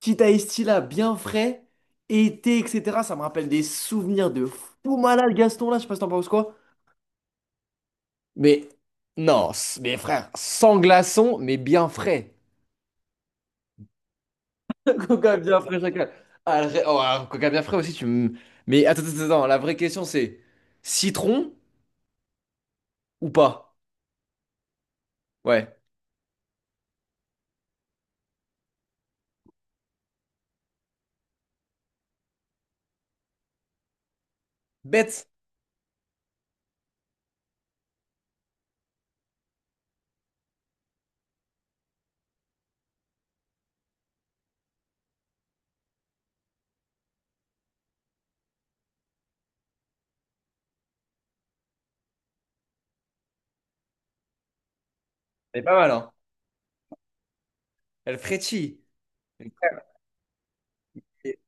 Petit iced tea là, bien frais, été, etc. Ça me rappelle des souvenirs de fou malade, Gaston, là, je sais pas si t'en penses quoi. Mais non, mais frère, sans glaçon, mais bien frais. Coca bien frais, chacal. Ah, oh, ah, coca bien frais aussi, tu me. Mais attends, attends, attends, la vraie question c'est citron ou pas? Ouais. Bête, elle est pas mal, hein. Elle frétille. Mais frère, et-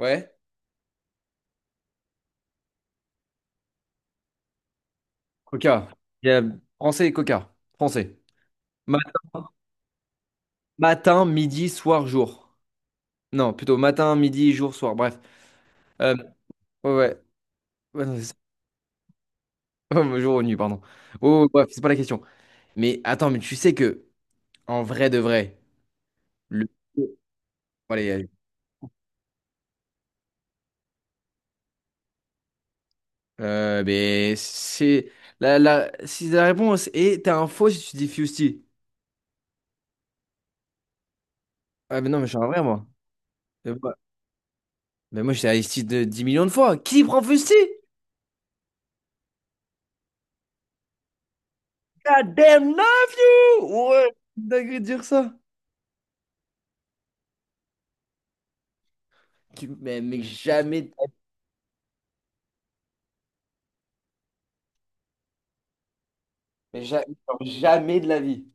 ouais. Coca. Il y a français et coca. Français. Matin, matin, midi, soir, jour. Non, plutôt matin, midi, jour, soir, bref. Euh, ouais, ouais, ouais, non, c'est ça. Ouais, jour ou nuit, pardon. Oh, oh, bref, c'est pas la question. Mais attends, mais tu sais que, en vrai de vrai, le. Allez, mais c'est. Si la réponse est, t'as un faux si tu dis Fusty. Ah, mais non, mais je suis un vrai, moi. Mais moi, mais moi, j'étais à Isti de 10 millions de fois. Qui prend Fusty? God damn love you! Ouais, dingue de dire ça. Mais jamais, mais ja- genre jamais de la vie.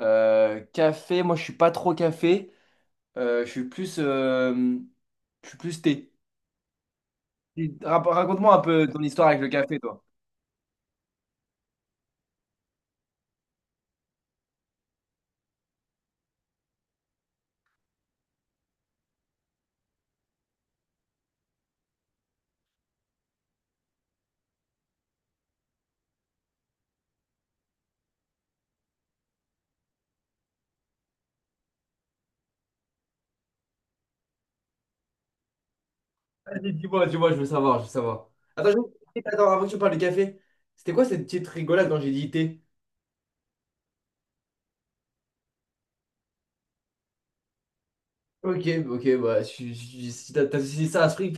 Café, moi je suis pas trop café. Euh, je suis plus, euh, je suis plus thé. Raconte-moi un peu ton histoire avec le café, toi. Vas-y, dis-moi, dis-moi, je veux savoir, je veux savoir. Attends, attends, avant que tu parles du café, c'était quoi cette petite rigolade quand j'ai dit thé? Ok, ok, bah, si t'as associé ça à Spring,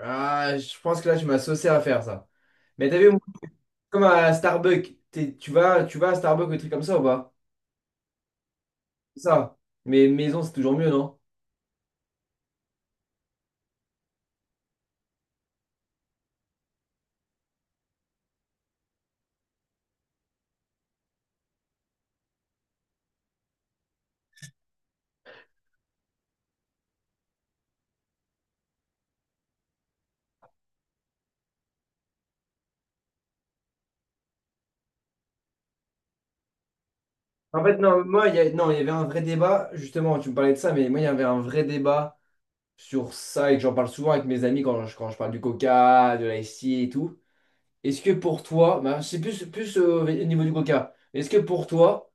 ah, je pense que là, je m'associais à faire ça. Mais t'as vu, moi, comme à Starbucks, tu vas à Starbucks ou des trucs comme ça ou pas? C'est ça. Mais maison, c'est toujours mieux, non? En fait, non, moi, non, il y avait un vrai débat, justement, tu me parlais de ça, mais moi, il y avait un vrai débat sur ça et que j'en parle souvent avec mes amis quand je parle du coca, de l'IC et tout. Est-ce que pour toi, bah, c'est plus au niveau du coca, est-ce que pour toi,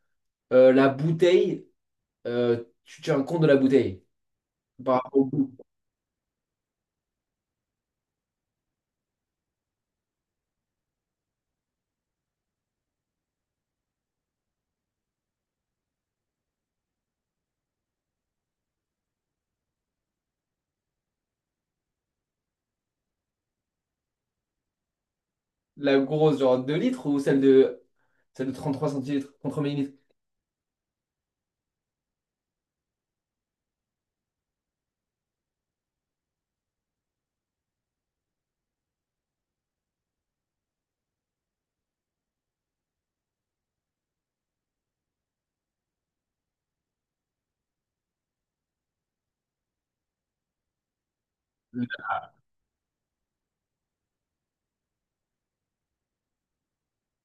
la bouteille, tu tiens compte de la bouteille par rapport au goût? La grosse, genre 2 litres ou celle de 33 centilitres, contre millilitres?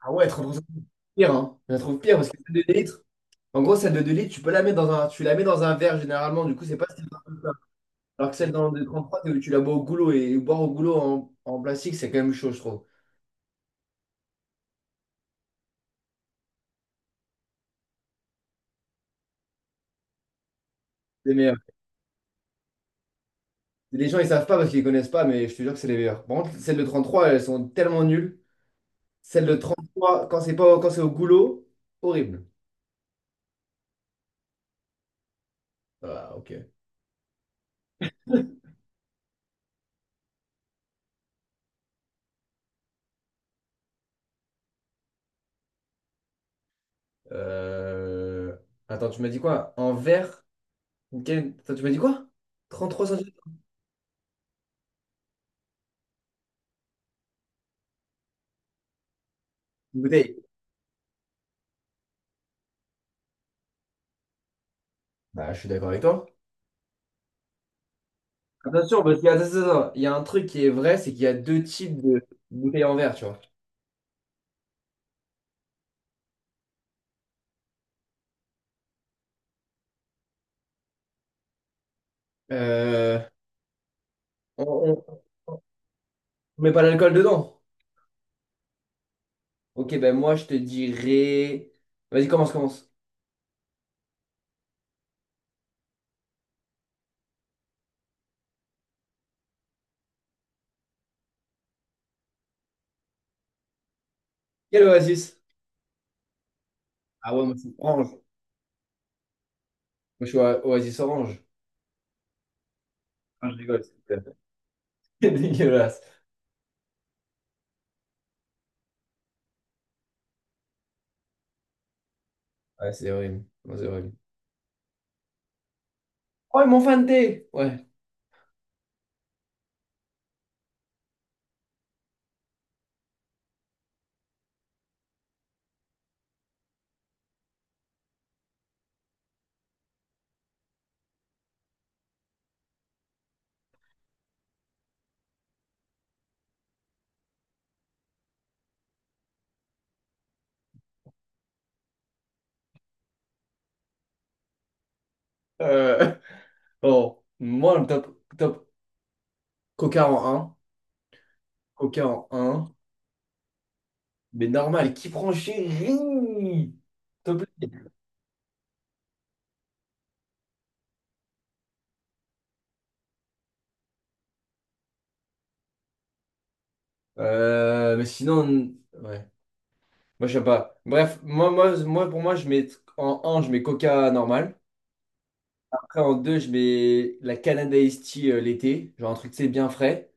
Ah ouais, 33 centilitres, pire, hein. Je la trouve pire parce que celle de 2 litres. En gros, celle de 2 litres, tu peux la mettre dans un, tu la mets dans un verre généralement, du coup, c'est pas si grave. Alors que celle dans le 33, c'est où tu la bois au goulot et boire au goulot en plastique, c'est quand même chaud, je trouve. C'est les meilleurs. Les gens, ils savent pas parce qu'ils connaissent pas, mais je te jure que c'est les meilleurs. Par contre, celles de 33, elles sont tellement nulles. Celles de 33, quand c'est pas, quand c'est au goulot, horrible. Ah, ok. Euh, Attends, tu m'as dit quoi? En verre? Attends, tu m'as dit quoi? 33 centilitres? Une bouteille. Bah, je suis d'accord avec toi. Bien sûr, parce qu'il y a, attends, attends, attends, il y a un truc qui est vrai, c'est qu'il y a deux types de bouteilles en verre, tu vois. Euh, on, on met pas l'alcool dedans. Ok, ben moi je te dirais. Vas-y, commence, commence. Quel oasis? Ah ouais, moi c'est orange. Moi je suis oasis orange. Ah, je rigole, c'est c'est dégueulasse. Ouais, c'est horrible. Ouais, c'est horrible. Oh, ils m'ont fanté! Ouais. Euh, bon, moi le top, top. Coca en un. Coca en un. Mais normal, qui prend chéri? Mais sinon, ouais. Moi, j'aime pas. Bref, pour moi, je mets en un, je mets Coca normal. Après, en 2 je mets la Canada Iced Tea l'été. Genre un truc, tu sais, bien frais.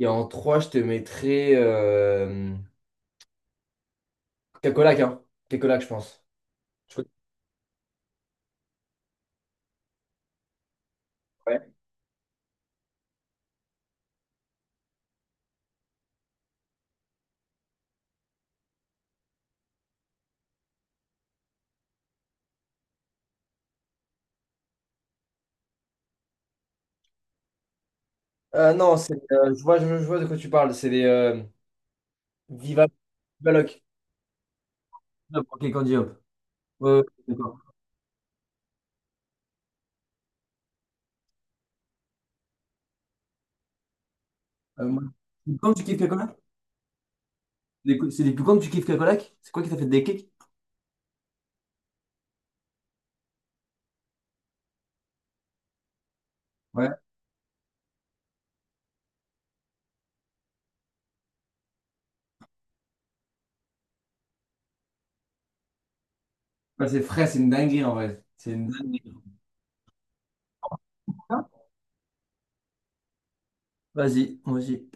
Et en 3 je te mettrais Coca-Cola, hein. Coca-Cola, je pense. Je crois. Ouais. Non, c'est, je vois, je vois de quoi tu parles. C'est les Viva, Viva Loc. Hop, Ok, Candy Hop. Ouais, ouais, ouais, d'accord. Euh, moi- Quand tu kiffes Cacolac? Les C'est des plus grands tu kiffes Cacolac? C'est quoi qui t'a fait des kicks? Ouais, c'est frais, c'est une dinguerie en vrai. C'est une dinguerie. Vas-y, vas-y.